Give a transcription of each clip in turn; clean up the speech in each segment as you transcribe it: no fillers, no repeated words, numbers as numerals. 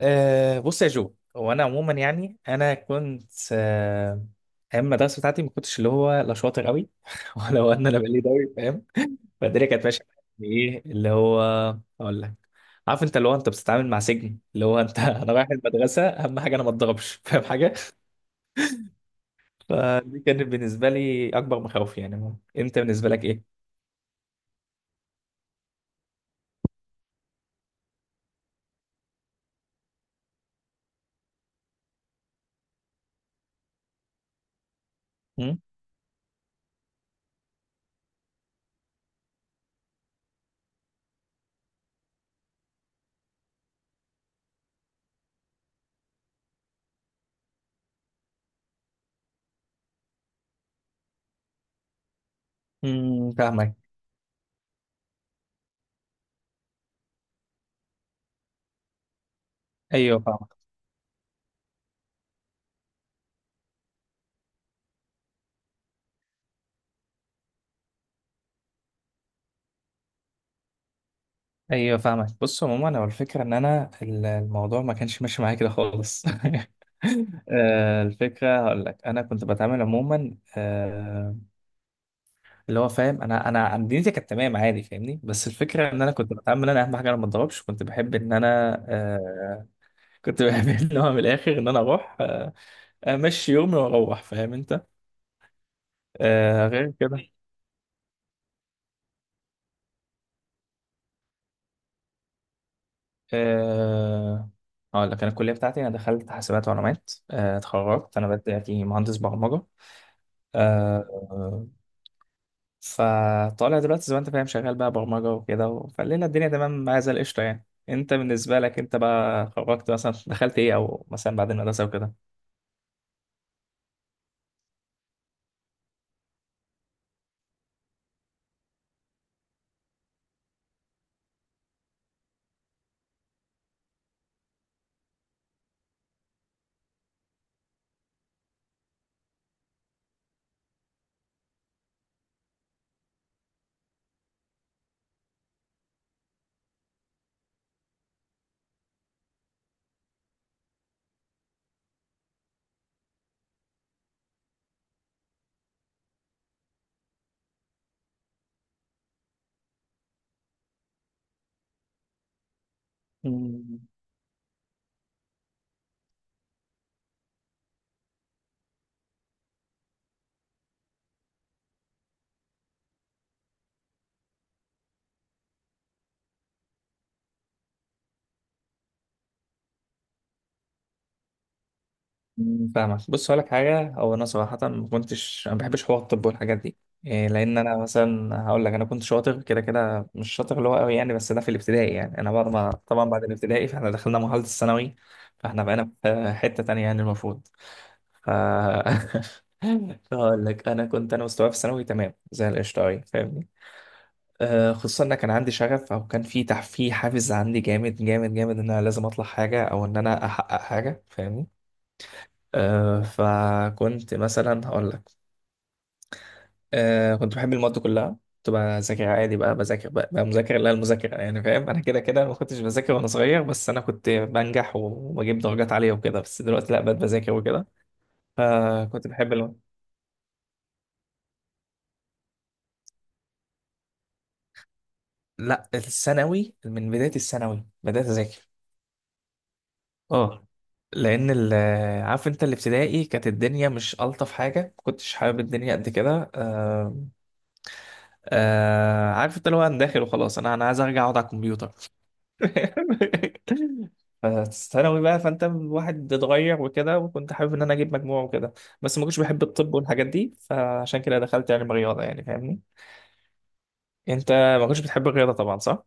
بص يا جو، هو انا عموما يعني انا كنت أه ايام المدرسه بتاعتي ما كنتش اللي هو لا شاطر قوي ولا هو ان انا بقالي قوي فاهم. فالدنيا كانت ماشيه معايا. ايه اللي هو؟ اقول لك، عارف انت اللي هو انت بتتعامل مع سجن اللي هو انت انا رايح المدرسه اهم حاجه انا ما اتضربش، فاهم حاجه؟ فدي كانت بالنسبه لي اكبر مخاوفي، يعني انت بالنسبه لك ايه؟ فاهمك. ايوه، ايوه فاهمك. بص عموما انا الفكره ان انا الموضوع ما كانش ماشي معايا كده خالص. الفكره هقول لك انا كنت بتعامل عموما، اللي هو فاهم، انا دنيتي كانت تمام عادي، فاهمني؟ بس الفكره ان انا كنت بتعامل، انا اهم حاجه انا ما اتضربش، آه، كنت بحب ان هو من الاخر ان انا اروح، امشي يومي واروح، فاهم انت؟ غير كده. آه، هقول لك انا الكليه بتاعتي، انا دخلت حاسبات ومعلومات، اتخرجت، انا بدأت مهندس برمجه. آه فطالع دلوقتي زي ما انت فاهم شغال بقى برمجة وكده، فالليلة الدنيا تمام معايا زي القشطة. يعني انت بالنسبة لك انت بقى خرجت مثلا دخلت ايه، او مثلا بعد المدرسة وكده؟ مم. فاهمك. بص هقولك حاجة، هو أنا صراحة ما كنتش، أنا ما بحبش حوار الطب والحاجات دي، إيه، لأن أنا مثلا هقول لك، أنا كنت شاطر كده كده، مش شاطر اللي هو قوي يعني، بس ده في الابتدائي يعني. أنا بعد ما طبعا بعد الابتدائي فإحنا دخلنا مرحلة الثانوي، فإحنا بقينا في حتة تانية يعني المفروض. ف فهقول لك، انا كنت، انا مستواي في الثانوي تمام زي القشطه أوي، فاهمني؟ آه خصوصا ان كان عندي شغف، او كان في في حافز عندي جامد جامد جامد ان انا لازم اطلع حاجه، او ان انا احقق حاجه، فاهمني؟ آه فكنت مثلا هقول لك، آه كنت بحب المواد كلها، كنت بذاكر عادي بقى، بذاكر بقى، بقى مذاكر، لا المذاكره يعني فاهم، انا كده كده ما كنتش بذاكر وانا صغير، بس انا كنت بنجح وبجيب درجات عاليه وكده، بس دلوقتي لا بقيت بذاكر وكده، فكنت بحب المواد. لا، الثانوي، من بداية الثانوي بدأت أذاكر. اه. لأن عارف أنت، الابتدائي كانت الدنيا مش ألطف حاجة، ما كنتش حابب الدنيا قد كده. عارف أنت اللي هو، أنا داخل وخلاص، أنا، أنا عايز أرجع أقعد على الكمبيوتر. فالثانوي بقى، فأنت الواحد اتغير وكده، وكنت حابب إن أنا أجيب مجموع وكده، بس ما كنتش بحب الطب والحاجات دي، فعشان كده دخلت علم رياضة يعني، فاهمني. أنت ما كنتش بتحب الرياضة طبعا، صح؟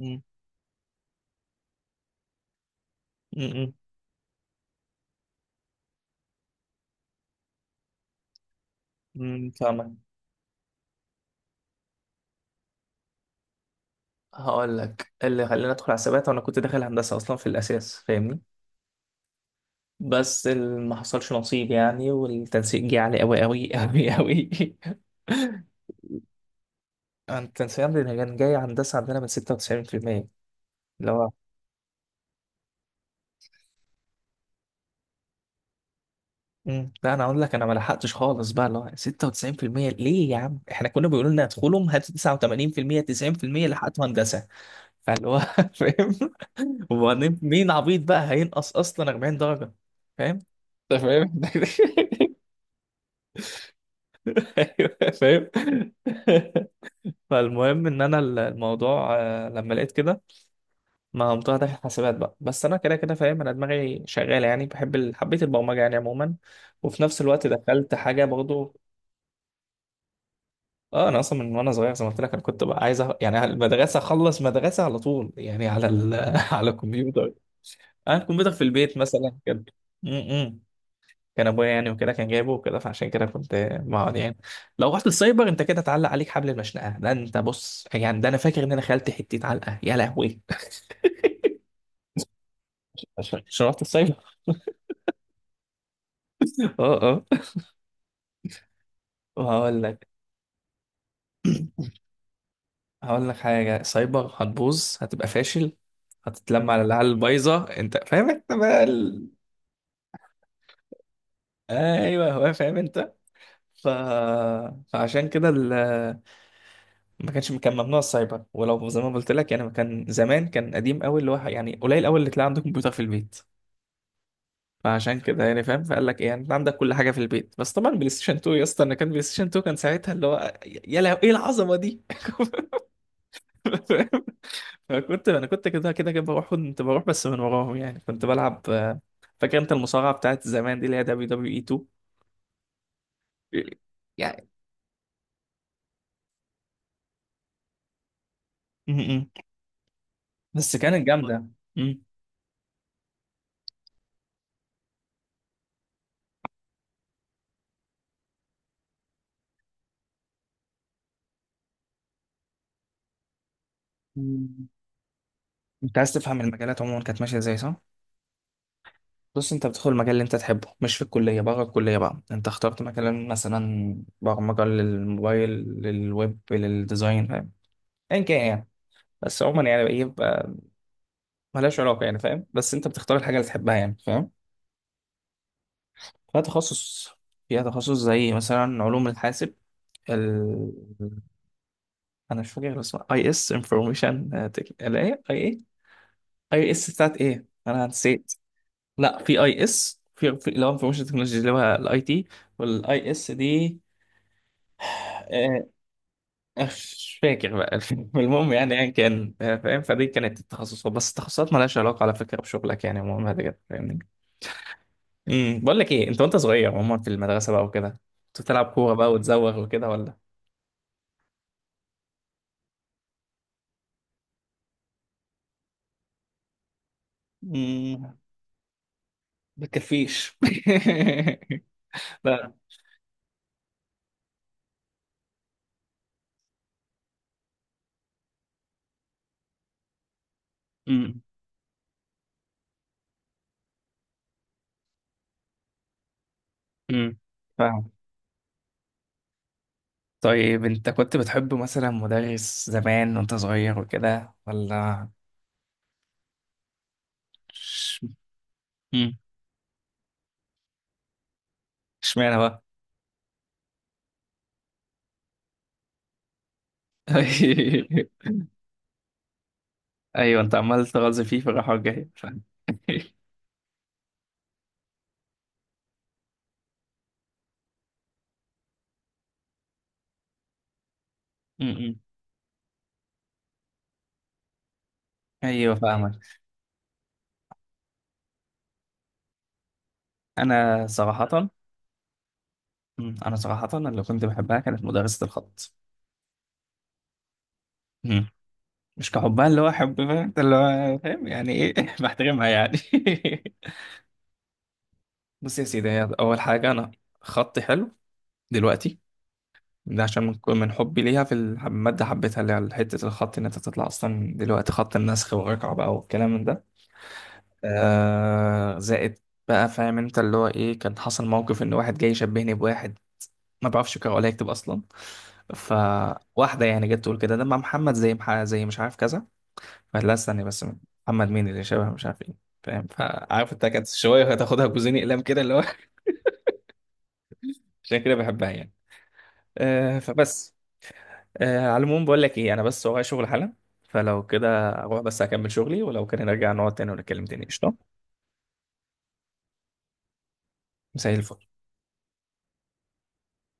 امم، امم، فاهمك. هقول لك اللي خلاني ادخل حسابات، وانا كنت داخل هندسه اصلا في الاساس فاهمني. بس ما حصلش نصيب يعني، والتنسيق جه عالي قوي قوي قوي قوي. التنسيق عندنا كان جاي هندسه عندنا من 96%. اللي هو مم. لا انا اقول لك انا ما لحقتش خالص بقى، اللي هو 96% ليه يا عم، احنا كنا بيقولوا لنا ادخلهم، هاتوا 89%، 90% لحقتوا هندسه. فاللي هو فاهم؟ وبعدين مين عبيط بقى هينقص اصلا 40 درجه، فاهم؟ انت فاهم؟ ايوه فاهم. فالمهم ان انا الموضوع، لما لقيت كده، ما قمت داخل حاسبات بقى، بس انا كده كده فاهم انا دماغي شغاله يعني، بحب حبيت البرمجه يعني عموما، وفي نفس الوقت دخلت حاجه برضو. اه انا اصلا من وانا صغير زي ما قلت لك، انا كنت بقى عايز يعني على المدرسه اخلص مدرسه على طول، يعني على على الكمبيوتر. انا الكمبيوتر في البيت مثلا كده. م- م. كان ابويا يعني وكده كان جايبه وكده، فعشان كده كنت بقعد يعني. لو رحت السايبر انت كده اتعلق عليك حبل المشنقه، ده انت بص يعني، ده انا فاكر ان انا خالتي حته علقه، يا لهوي. عشان، عشان رحت السايبر. اه، اه. وهقول لك، هقول لك حاجه، سايبر هتبوظ، هتبقى فاشل، هتتلم على العيال البايظه، انت فاهم انت بقى ايوه. هو فاهم انت. ف... فعشان كده. ما كانش، كان ممنوع السايبر، ولو زي ما قلت لك يعني، ما كان زمان كان قديم قوي، اللي هو يعني قليل قوي اللي تلاقي عندك كمبيوتر في البيت. فعشان كده يعني فاهم. فقال لك ايه يعني، انت عندك كل حاجه في البيت، بس طبعا بلاي ستيشن 2 يا اسطى، انا كان بلاي ستيشن 2 كان ساعتها، اللي هو يا لهوي ايه العظمه دي. فاهم؟ فكنت، انا كنت كده كده كده بروح، كنت بروح بس من وراهم يعني، كنت بلعب، فاكر انت المصارعه بتاعت زمان دي، اللي هي دبليو دبليو اي 2 يعني. م- م. بس كانت جامده. م. انت عايز تفهم المجالات عموما كانت ماشيه ازاي، صح؟ بص انت بتدخل المجال اللي انت تحبه، مش في الكلية، بره الكلية بقى انت اخترت مكان، مثلا برمجة للموبايل، للويب، للديزاين، فاهم؟ ايا كان يعني. بس عموما يعني ايه بقى، ملهاش علاقة يعني فاهم، بس انت بتختار الحاجة اللي تحبها يعني، فاهم؟ فيها تخصص، فيها تخصص زي مثلا علوم الحاسب، ال... انا مش فاكر اسمها، اي اس انفورميشن، اللي هي اي ايه، اي اس بتاعت ايه انا نسيت. لا، في اي اس، اللي هو انفورميشن تكنولوجي اللي هو الاي تي، والاي اس دي. آه مش فاكر بقى. المهم يعني، يعني كان فاهم، فدي كانت التخصصات، بس التخصصات مالهاش علاقه على فكره بشغلك يعني، المهم هذا كده فاهمني. بقول لك ايه، انت وانت صغير عموما في المدرسه بقى وكده، كنت بتلعب كوره بقى وتزوغ وكده ولا؟ امم بتكفيش؟ لا. امم امم، فاهم. طيب انت كنت بتحب مثلا مدرس زمان وانت صغير وكده ولا؟ ش- امم اشمعنى بقى؟ ايوه انت عمال تغاظ فيه في الراحه الجايه. م-م. ايوه فاهمك. انا صراحه، م، انا صراحه اللي كنت بحبها كانت مدرسه الخط. م. مش كحبها اللي هو حب، فاهم أنت اللي هو، فاهم يعني ايه، بحترمها يعني. بص يا سيدي، هي اول حاجه انا خطي حلو دلوقتي. ده عشان من، من حبي ليها في الماده، حبيتها اللي على حته الخط، ان انت تطلع اصلا دلوقتي خط النسخ والرقعه بقى والكلام من ده. آه زائد بقى، فاهم انت اللي هو ايه، كان حصل موقف ان واحد جاي يشبهني بواحد ما بعرفش اقرا ولا اكتب اصلا. فواحده يعني جت تقول كده، ده مع محمد زي زي مش عارف كذا. قالت لا استني بس، محمد مين اللي شبه مش عارف ايه. فاهم؟ فعارف انت كانت شويه هتاخدها بجوزين اقلام كده اللي هو. عشان كده بحبها يعني. آه فبس. آه على العموم، بقول لك ايه، انا بس ورايا شغل حالا، فلو كده اروح بس اكمل شغلي، ولو كان نرجع نقعد تاني ونتكلم تاني قشطه. مساء الفل.